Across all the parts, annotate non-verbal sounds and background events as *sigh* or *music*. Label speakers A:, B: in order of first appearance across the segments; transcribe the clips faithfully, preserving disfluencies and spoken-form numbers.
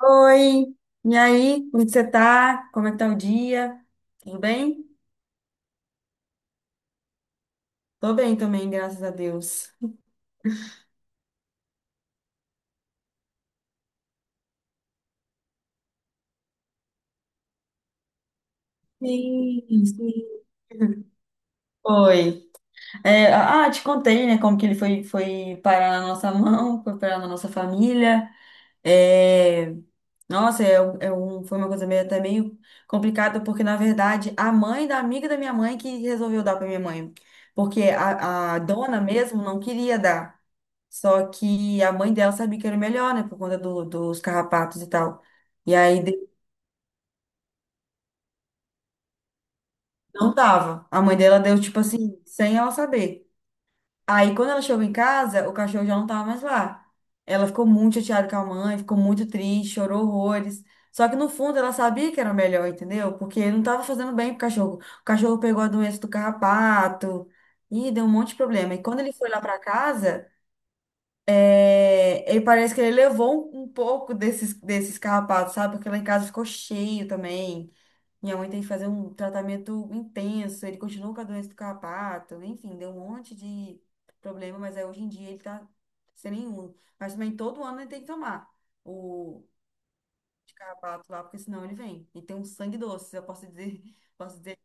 A: Oi, e aí? Como que você tá? Como é que tá o dia? Tudo bem? Tô bem também, graças a Deus. Sim, sim. Oi. É, ah, te contei, né, como que ele foi, foi parar na nossa mão, foi parar na nossa família. É, nossa, é, um- é um, foi uma coisa meio, até meio complicada, porque, na verdade, a mãe da amiga da minha mãe que resolveu dar pra minha mãe. Porque a, a dona mesmo não queria dar. Só que a mãe dela sabia que era melhor, né? Por conta do- dos carrapatos e tal. E aí de- não dava. A mãe dela deu, tipo assim, sem ela saber. Aí quando ela chegou em casa, o cachorro já não tava mais lá. Ela ficou muito chateada com a mãe, ficou muito triste, chorou horrores. Só que no fundo ela sabia que era melhor, entendeu? Porque não tava fazendo bem pro cachorro. O cachorro pegou a doença do carrapato e deu um monte de problema. E quando ele foi lá pra casa. É, ele parece que ele levou um, um pouco desses, desses carrapatos, sabe? Porque lá em casa ficou cheio também. Minha mãe tem que fazer um tratamento intenso. Ele continuou com a doença do carrapato. Enfim, deu um monte de problema, mas aí hoje em dia ele tá sem nenhum. Mas também todo ano ele tem que tomar o de carrapato lá, porque senão ele vem. E tem um sangue doce, eu posso dizer, *laughs* posso dizer.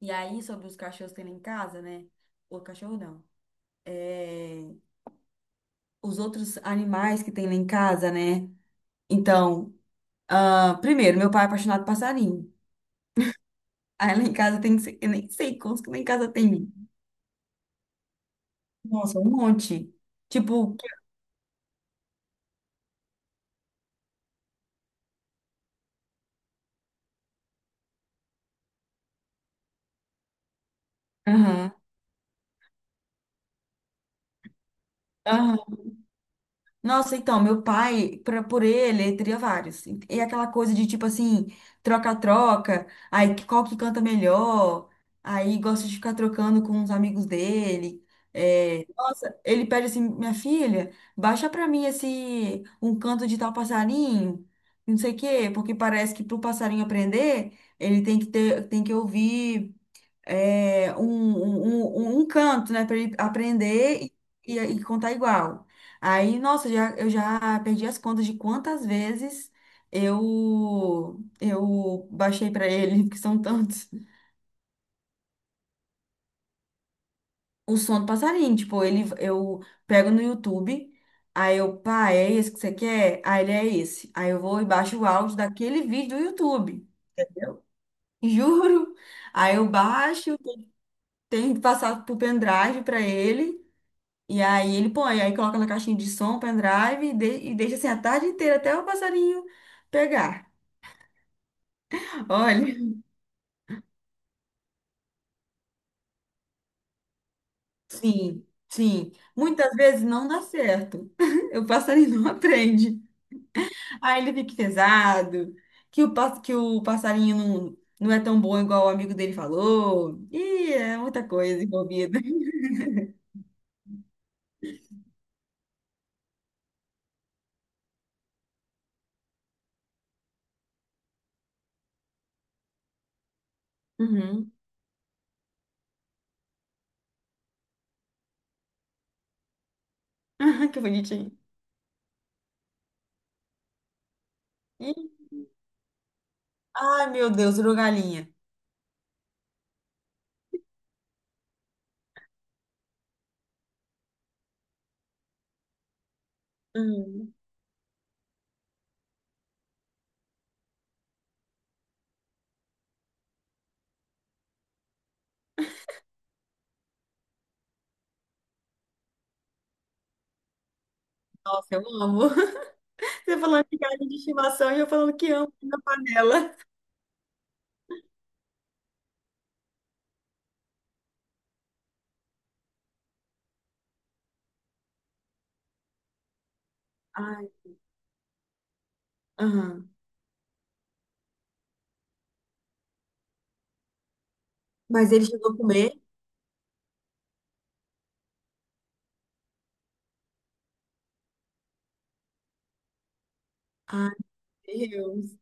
A: E aí, sobre os cachorros que tem lá em casa, né? O cachorro não. É, os outros animais que tem lá em casa, né? Então, ah, primeiro, meu pai é apaixonado por passarinho. Aí lá em casa tem, eu nem sei quantos que lá em casa tem. Nossa, um monte. Tipo, aham, aham. Nossa, então, meu pai, pra, por ele, teria vários. E e aquela coisa de, tipo assim, troca-troca, aí que- qual que canta melhor, aí gosta de ficar trocando com os amigos dele. É, nossa, ele pede assim, minha filha, baixa pra mim esse, um canto de tal passarinho, não sei o quê, porque parece que pro passarinho aprender, ele tem que ter, tem que ouvir é, um, um, um, um canto, né, para ele aprender e, e, e contar igual. Aí, nossa, já, eu já perdi as contas de quantas vezes eu eu baixei para ele, *laughs* que são tantos. O som do passarinho, tipo, ele eu pego no YouTube, aí eu, pá, é esse que você quer? Aí ele é esse. Aí eu vou e baixo o áudio daquele vídeo do YouTube. Entendeu? *laughs* Juro. Aí eu baixo, tenho que passar pro pendrive para ele. E aí ele põe, aí coloca na caixinha de som, pendrive e, de- e deixa assim a tarde inteira até o passarinho pegar. Olha, *laughs* sim, sim. Muitas vezes não dá certo. *laughs* O passarinho não aprende. Aí ele fica pesado, que o, pas- que o passarinho não, não é tão bom igual o amigo dele falou. Ih, é muita coisa envolvida. *laughs* Uhum. *laughs* Que bonitinho. Ih, ai, meu Deus, virou galinha. Uhum. Nossa, eu amo. Você falando de galinha de estimação e eu falando que amo na panela. Ai, aham. Mas ele chegou a comer? Ai, Deus.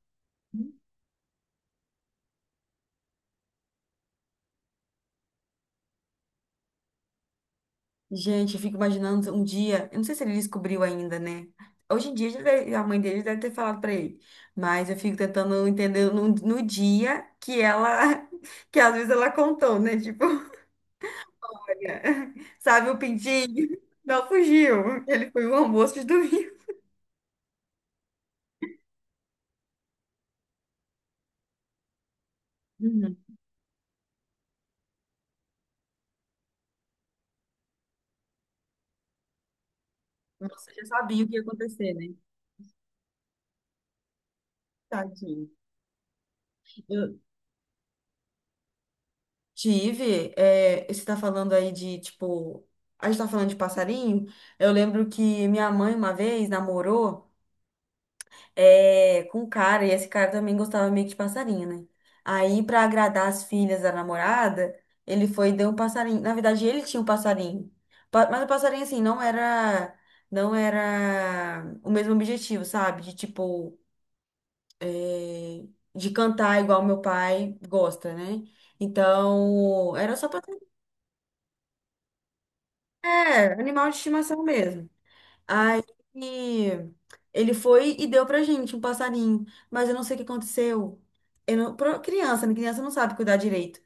A: Gente, eu fico imaginando um dia. Eu não sei se ele descobriu ainda, né? Hoje em dia já deve- a mãe dele deve ter falado pra ele. Mas eu fico tentando entender no, no dia que ela. *laughs* Que às vezes ela contou, né? Tipo, olha, *laughs* sabe o pintinho? Não fugiu. Ele foi o almoço de domingo. Uhum. Nossa, eu já sabia o que ia acontecer, né? Tadinho. Eu, Tive, é, você tá falando aí de, tipo, a gente tá falando de passarinho. Eu lembro que minha mãe uma vez namorou, é, com um cara, e esse cara também gostava meio que de passarinho, né? Aí, pra agradar as filhas da namorada, ele foi e deu um passarinho. Na verdade, ele tinha um passarinho. Pa- Mas o passarinho, assim, não era, não era o mesmo objetivo, sabe? De, tipo, é, de cantar igual meu pai gosta, né? Então, era só pra. É, animal de estimação mesmo. Aí ele foi e deu pra gente um passarinho, mas eu não sei o que aconteceu. Eu não, pro- criança, né? Criança não sabe cuidar direito.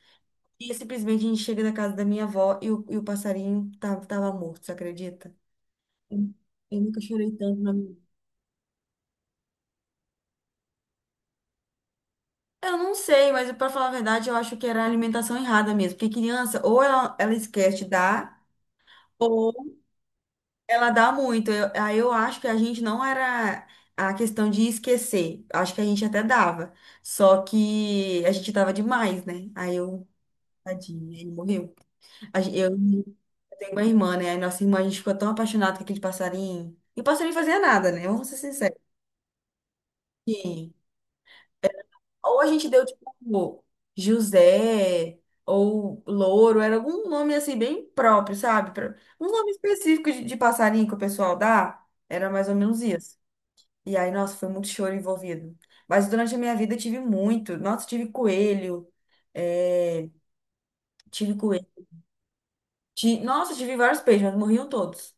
A: E simplesmente a gente chega na casa da minha avó e o, e o passarinho tava, tava morto, você acredita? Eu, eu nunca chorei tanto na minha vida. Eu não sei, mas pra falar a verdade, eu acho que era a alimentação errada mesmo. Porque criança, ou ela, ela esquece de dar. Ela dá muito. Eu, aí eu acho que a gente não era a questão de esquecer. Acho que a gente até dava. Só que a gente dava demais, né? Aí eu, tadinho, ele morreu. A gen- Eu, eu tenho uma irmã, né? Aí nossa irmã, a gente ficou tão apaixonado com aquele passarinho. E o passarinho fazia nada, né? Vamos ser sinceros. Sim. Ou a gente deu, tipo, José, ou Louro, era algum nome assim, bem próprio, sabe? Pra- Um nome específico de, de passarinho que o pessoal dá. Era mais ou menos isso. E aí, nossa, foi muito choro envolvido. Mas durante a minha vida eu tive muito. Nossa, tive coelho. é, Tive coelho. Ti- Nossa, tive vários peixes, mas morriam todos.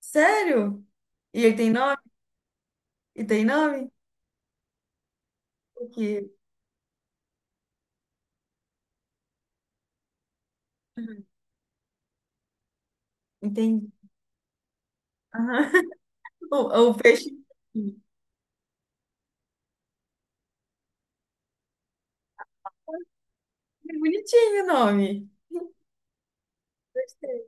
A: Sério? E ele tem nome? E tem nome? O Porque. Entendi. Aham. *laughs* O, o peixe. É bonitinho o nome. Gostei.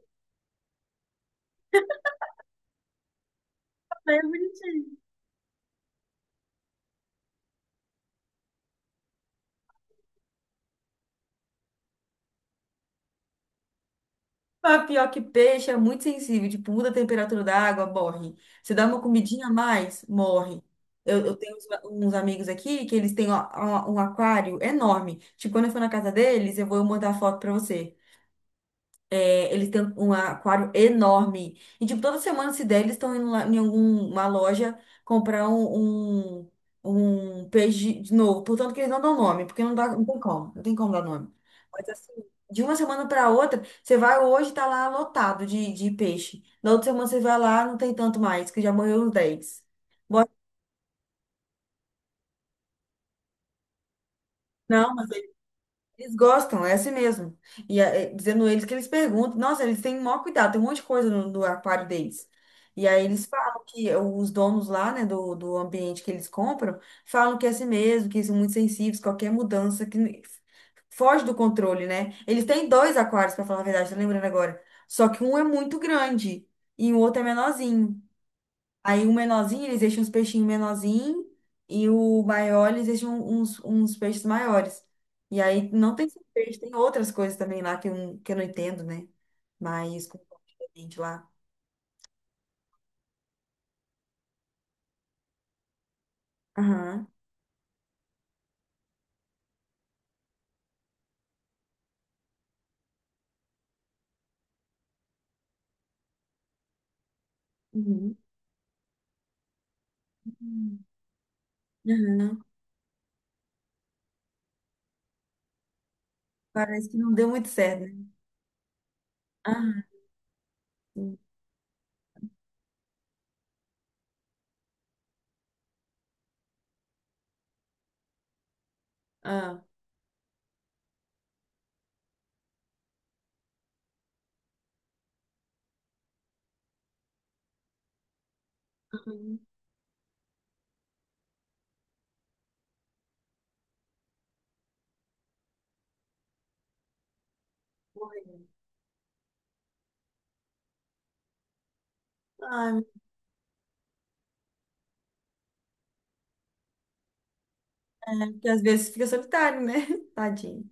A: É bonitinho. Mas pior que peixe é muito sensível, tipo, muda a temperatura da água, morre. Você dá uma comidinha a mais, morre. Eu, eu tenho uns, uns amigos aqui que eles têm ó, ó, um aquário enorme. Tipo, quando eu for na casa deles, eu vou mandar foto pra você. É, eles têm um aquário enorme. E, tipo, toda semana, se der, eles estão indo lá em alguma loja comprar um, um, um peixe de novo. Portanto, que eles não dão nome, porque não dá, não tem como. Não tem como dar nome. Mas, assim, de uma semana para outra, você vai hoje, tá lá lotado de, de peixe. Na outra semana, você vai lá, não tem tanto mais, que já morreu uns dez. Bota, não, eles gostam, é assim mesmo. E é, é, dizendo eles que eles perguntam, nossa, eles têm o maior cuidado, tem um monte de coisa no, no aquário deles. E aí eles falam que eh, os donos lá, né, do, do ambiente que eles compram, falam que é assim mesmo, que são muito sensíveis, qualquer mudança que n- foge do controle, né? Eles têm dois aquários, para falar a verdade, tô lembrando agora. Só que um é muito grande e o outro é menorzinho. Aí o menorzinho, eles deixam uns peixinhos menorzinhos e o maior, eles deixam uns, uns peixes maiores. E aí não tem só peixe, tem outras coisas também lá que eu, não- que eu não entendo, né? Mas com gente lá. Aham. Uhum. Uhum. Aham. Parece que não deu muito certo, né? Aham. Sim. Ah. Uhum. Morreu. Ai, porque às vezes fica solitário, né? *laughs* Tadinho.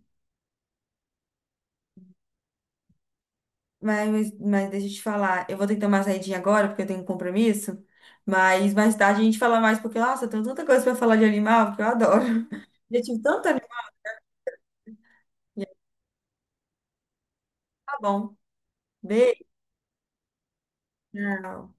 A: Mas, mas mas deixa eu te falar, eu vou ter que tomar uma saidinha agora, porque eu tenho um compromisso. Mas mais tarde a gente fala mais, porque, nossa, eu tenho tanta coisa pra falar de animal que eu adoro. *laughs* Eu tive tanto animal. Tá bom. Beijo. Tchau.